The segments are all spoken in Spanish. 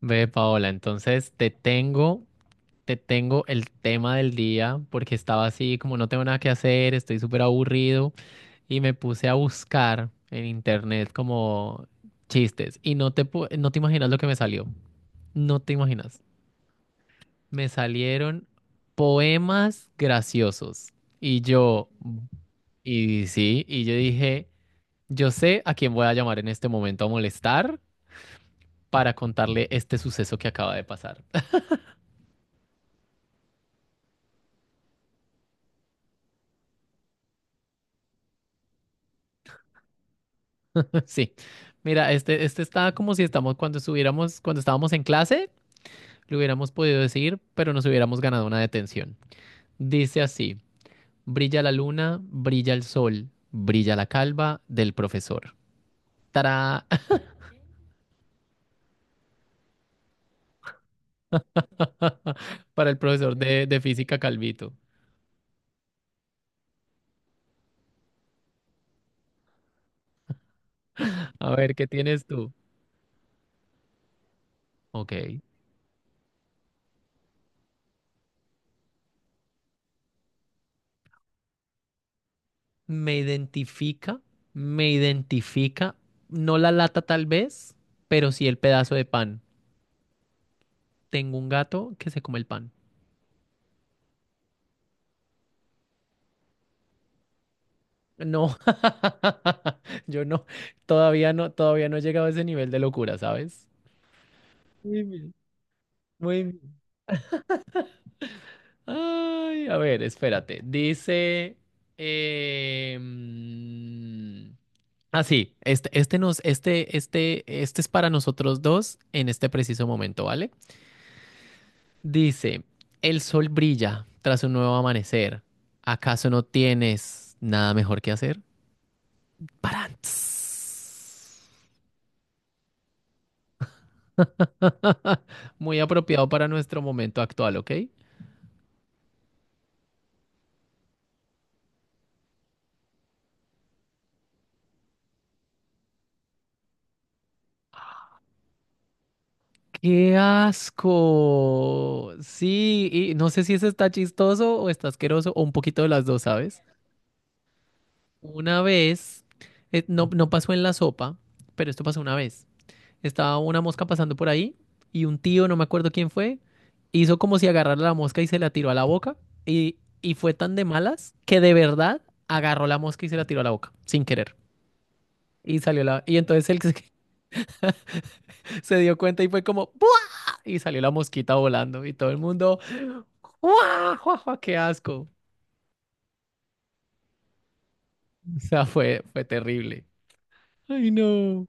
Ve, Paola, entonces te tengo el tema del día porque estaba así como no tengo nada que hacer, estoy súper aburrido y me puse a buscar en internet como chistes y no te imaginas lo que me salió, no te imaginas. Me salieron poemas graciosos y yo, y sí, y yo dije, yo sé a quién voy a llamar en este momento a molestar para contarle este suceso que acaba de pasar. Sí. Mira, este está como si estamos cuando estábamos en clase, lo hubiéramos podido decir, pero nos hubiéramos ganado una detención. Dice así: brilla la luna, brilla el sol, brilla la calva del profesor. Tará, para el profesor de física Calvito. A ver, ¿qué tienes tú? Ok. Me identifica, me identifica, no la lata tal vez, pero sí el pedazo de pan. Tengo un gato que se come el pan. No, yo no, todavía no, todavía no he llegado a ese nivel de locura, ¿sabes? Muy bien, muy bien. Ay, a ver, espérate. Dice. Eh, mm, sí, este es para nosotros dos en este preciso momento, ¿vale? Dice: el sol brilla tras un nuevo amanecer. ¿Acaso no tienes nada mejor que hacer? Parantz. Muy apropiado para nuestro momento actual, ¿ok? ¡Qué asco! Sí, y no sé si eso está chistoso o está asqueroso o un poquito de las dos, ¿sabes? Una vez, no, no pasó en la sopa, pero esto pasó una vez. Estaba una mosca pasando por ahí y un tío, no me acuerdo quién fue, hizo como si agarrara la mosca y se la tiró a la boca y fue tan de malas que de verdad agarró la mosca y se la tiró a la boca, sin querer. Y salió la... Y entonces él se dio cuenta y fue como... "¡Pu!". Y salió la mosquita volando y todo el mundo, ¡guau, guau, guau, qué asco! O sea, fue terrible. Ay, no.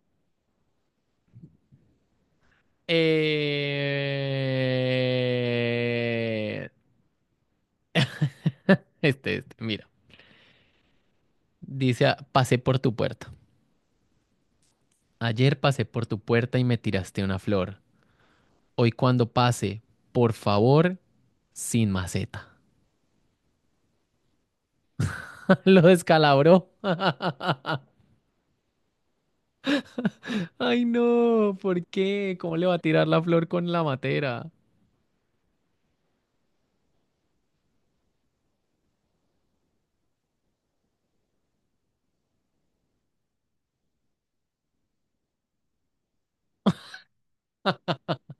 Eh, este, mira. Pasé por tu puerta. Ayer pasé por tu puerta y me tiraste una flor. Hoy cuando pase, por favor, sin maceta. Lo descalabró. Ay, no, ¿por qué? ¿Cómo le va a tirar la flor con la matera?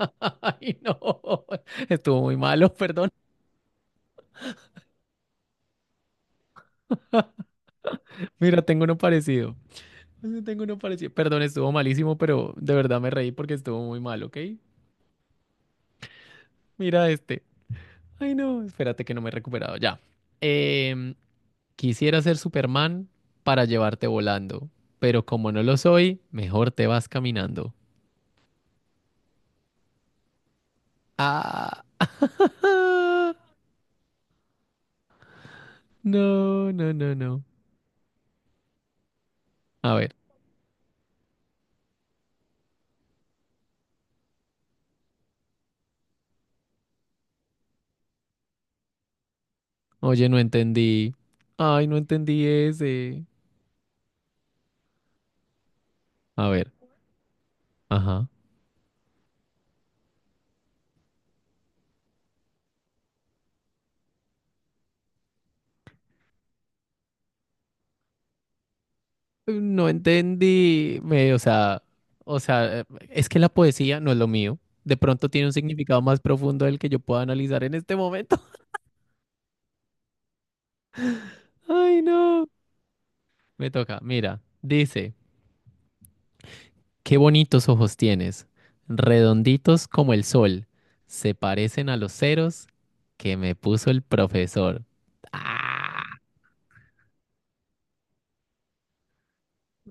Ay, no. Estuvo muy malo, perdón. Mira, tengo uno parecido. Sí, tengo uno parecido. Perdón, estuvo malísimo, pero de verdad me reí porque estuvo muy mal, ¿ok? Mira este. Ay, no, espérate que no me he recuperado. Ya. Em, quisiera ser Superman para llevarte volando, pero como no lo soy, mejor te vas caminando. Ah, ah, no, no, no, no. A ver. Oye, no entendí. Ay, no entendí ese. A ver. Ajá. No entendí, me- o sea, o sea, es que la poesía no es lo mío. De pronto tiene un significado más profundo del que yo pueda analizar en este momento. Ay, no. Me toca, mira, dice, qué bonitos ojos tienes, redonditos como el sol, se parecen a los ceros que me puso el profesor. Ah,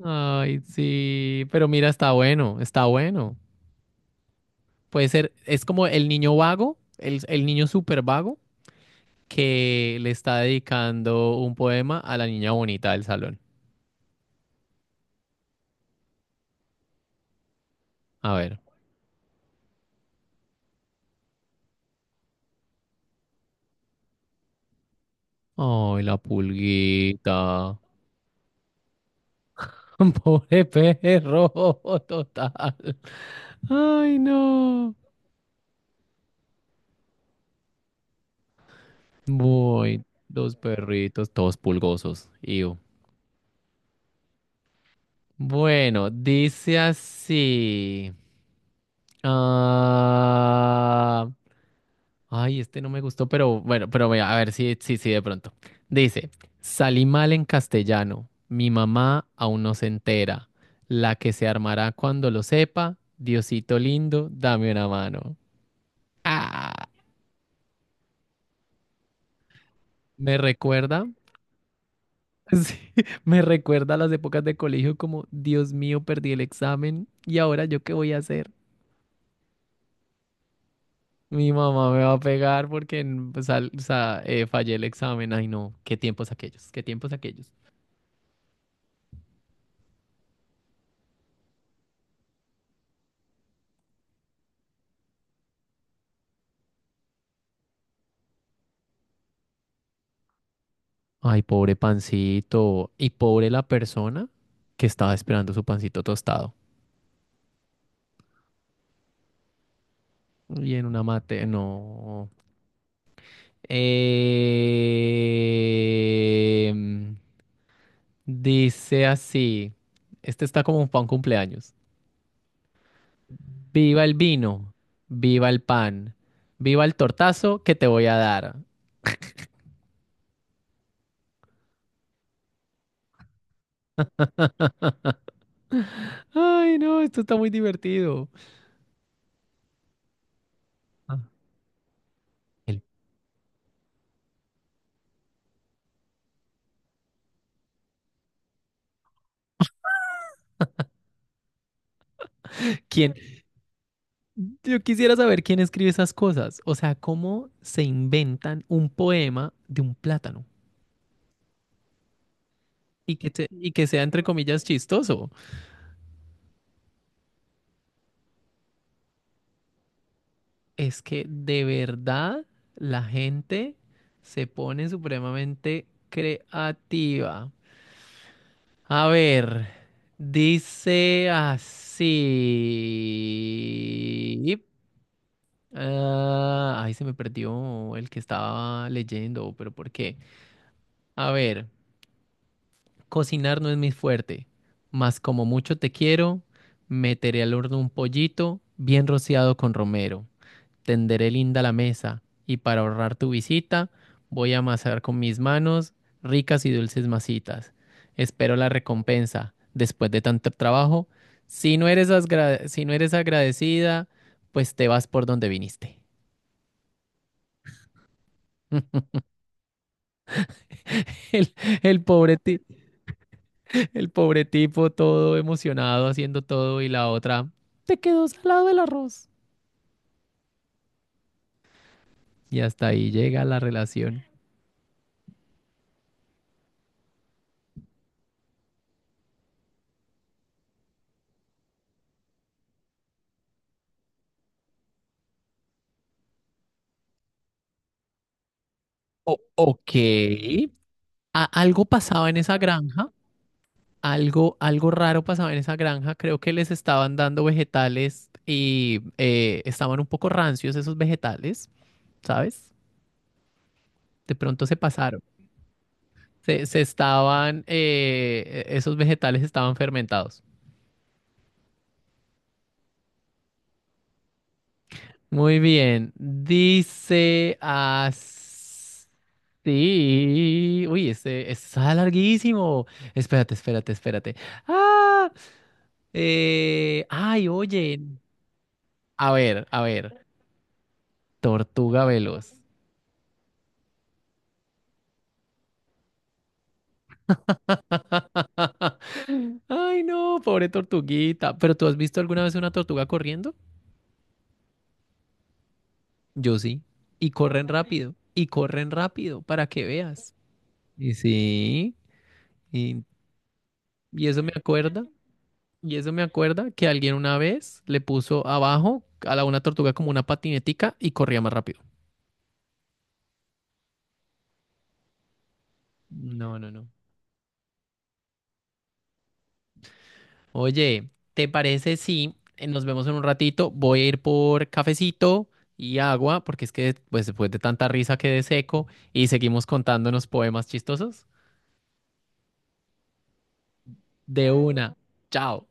ay, sí, pero mira, está bueno, está bueno. Puede ser, es como el niño vago, el niño súper vago que le está dedicando un poema a la niña bonita del salón. A ver. Ay, la pulguita. Pobre perro, total. Ay, no. Voy, dos perritos, todos pulgosos. Iu. Bueno, dice así. Ah, Ay, este no me gustó, pero bueno, pero vea, a ver si sí, sí, de pronto. Dice, salí mal en castellano, mi mamá aún no se entera, la que se armará cuando lo sepa, Diosito lindo, dame una mano. Ah, me recuerda, sí, me recuerda a las épocas de colegio como, Dios mío, perdí el examen y ahora yo qué voy a hacer. Mi mamá me va a pegar porque fallé el examen. Ay, no, qué tiempos aquellos, qué tiempos aquellos. Ay, pobre pancito. Y pobre la persona que estaba esperando su pancito tostado. Y en una mate, no. Em, dice así. Este está como para un cumpleaños. Viva el vino, viva el pan, viva el tortazo que te voy a dar. Ay, no, esto está muy divertido. Ah. El- ¿Quién Yo quisiera saber quién escribe esas cosas. O sea, cómo se inventan un poema de un plátano y que sea, entre comillas, chistoso. Es que de verdad la gente se pone supremamente creativa. A ver, dice así. Ay, se me perdió el que estaba leyendo, pero ¿por qué? A ver. Cocinar no es mi fuerte, mas como mucho te quiero, meteré al horno un pollito bien rociado con romero. Tenderé linda la mesa y para ahorrar tu visita, voy a amasar con mis manos ricas y dulces masitas. Espero la recompensa después de tanto trabajo. Si no eres agradecida, pues te vas por donde viniste. El, el pobre ti- El pobre tipo todo emocionado haciendo todo y la otra, te quedó salado el arroz. Y hasta ahí llega la relación. O- ok. A- algo pasaba en esa granja, algo raro pasaba en esa granja. Creo que les estaban dando vegetales y estaban un poco rancios esos vegetales, ¿sabes? De pronto se pasaron. Esos vegetales estaban fermentados. Muy bien. Dice así. Uy, ese este está larguísimo. Espérate, espérate, espérate. Ah, ay, oye. A ver, a ver. Tortuga veloz. Ay, no, pobre tortuguita. ¿Pero tú has visto alguna vez una tortuga corriendo? Yo sí. Y corren rápido, para que veas. Y sí, y, y eso me acuerda. Y eso me acuerda que alguien una vez le puso abajo a la una tortuga como una patinetica y corría más rápido. No, no, no. Oye, ¿te parece si nos vemos en un ratito? Voy a ir por cafecito y agua, porque es que pues, después de tanta risa quedé seco y seguimos contándonos poemas chistosos. De una. Chao.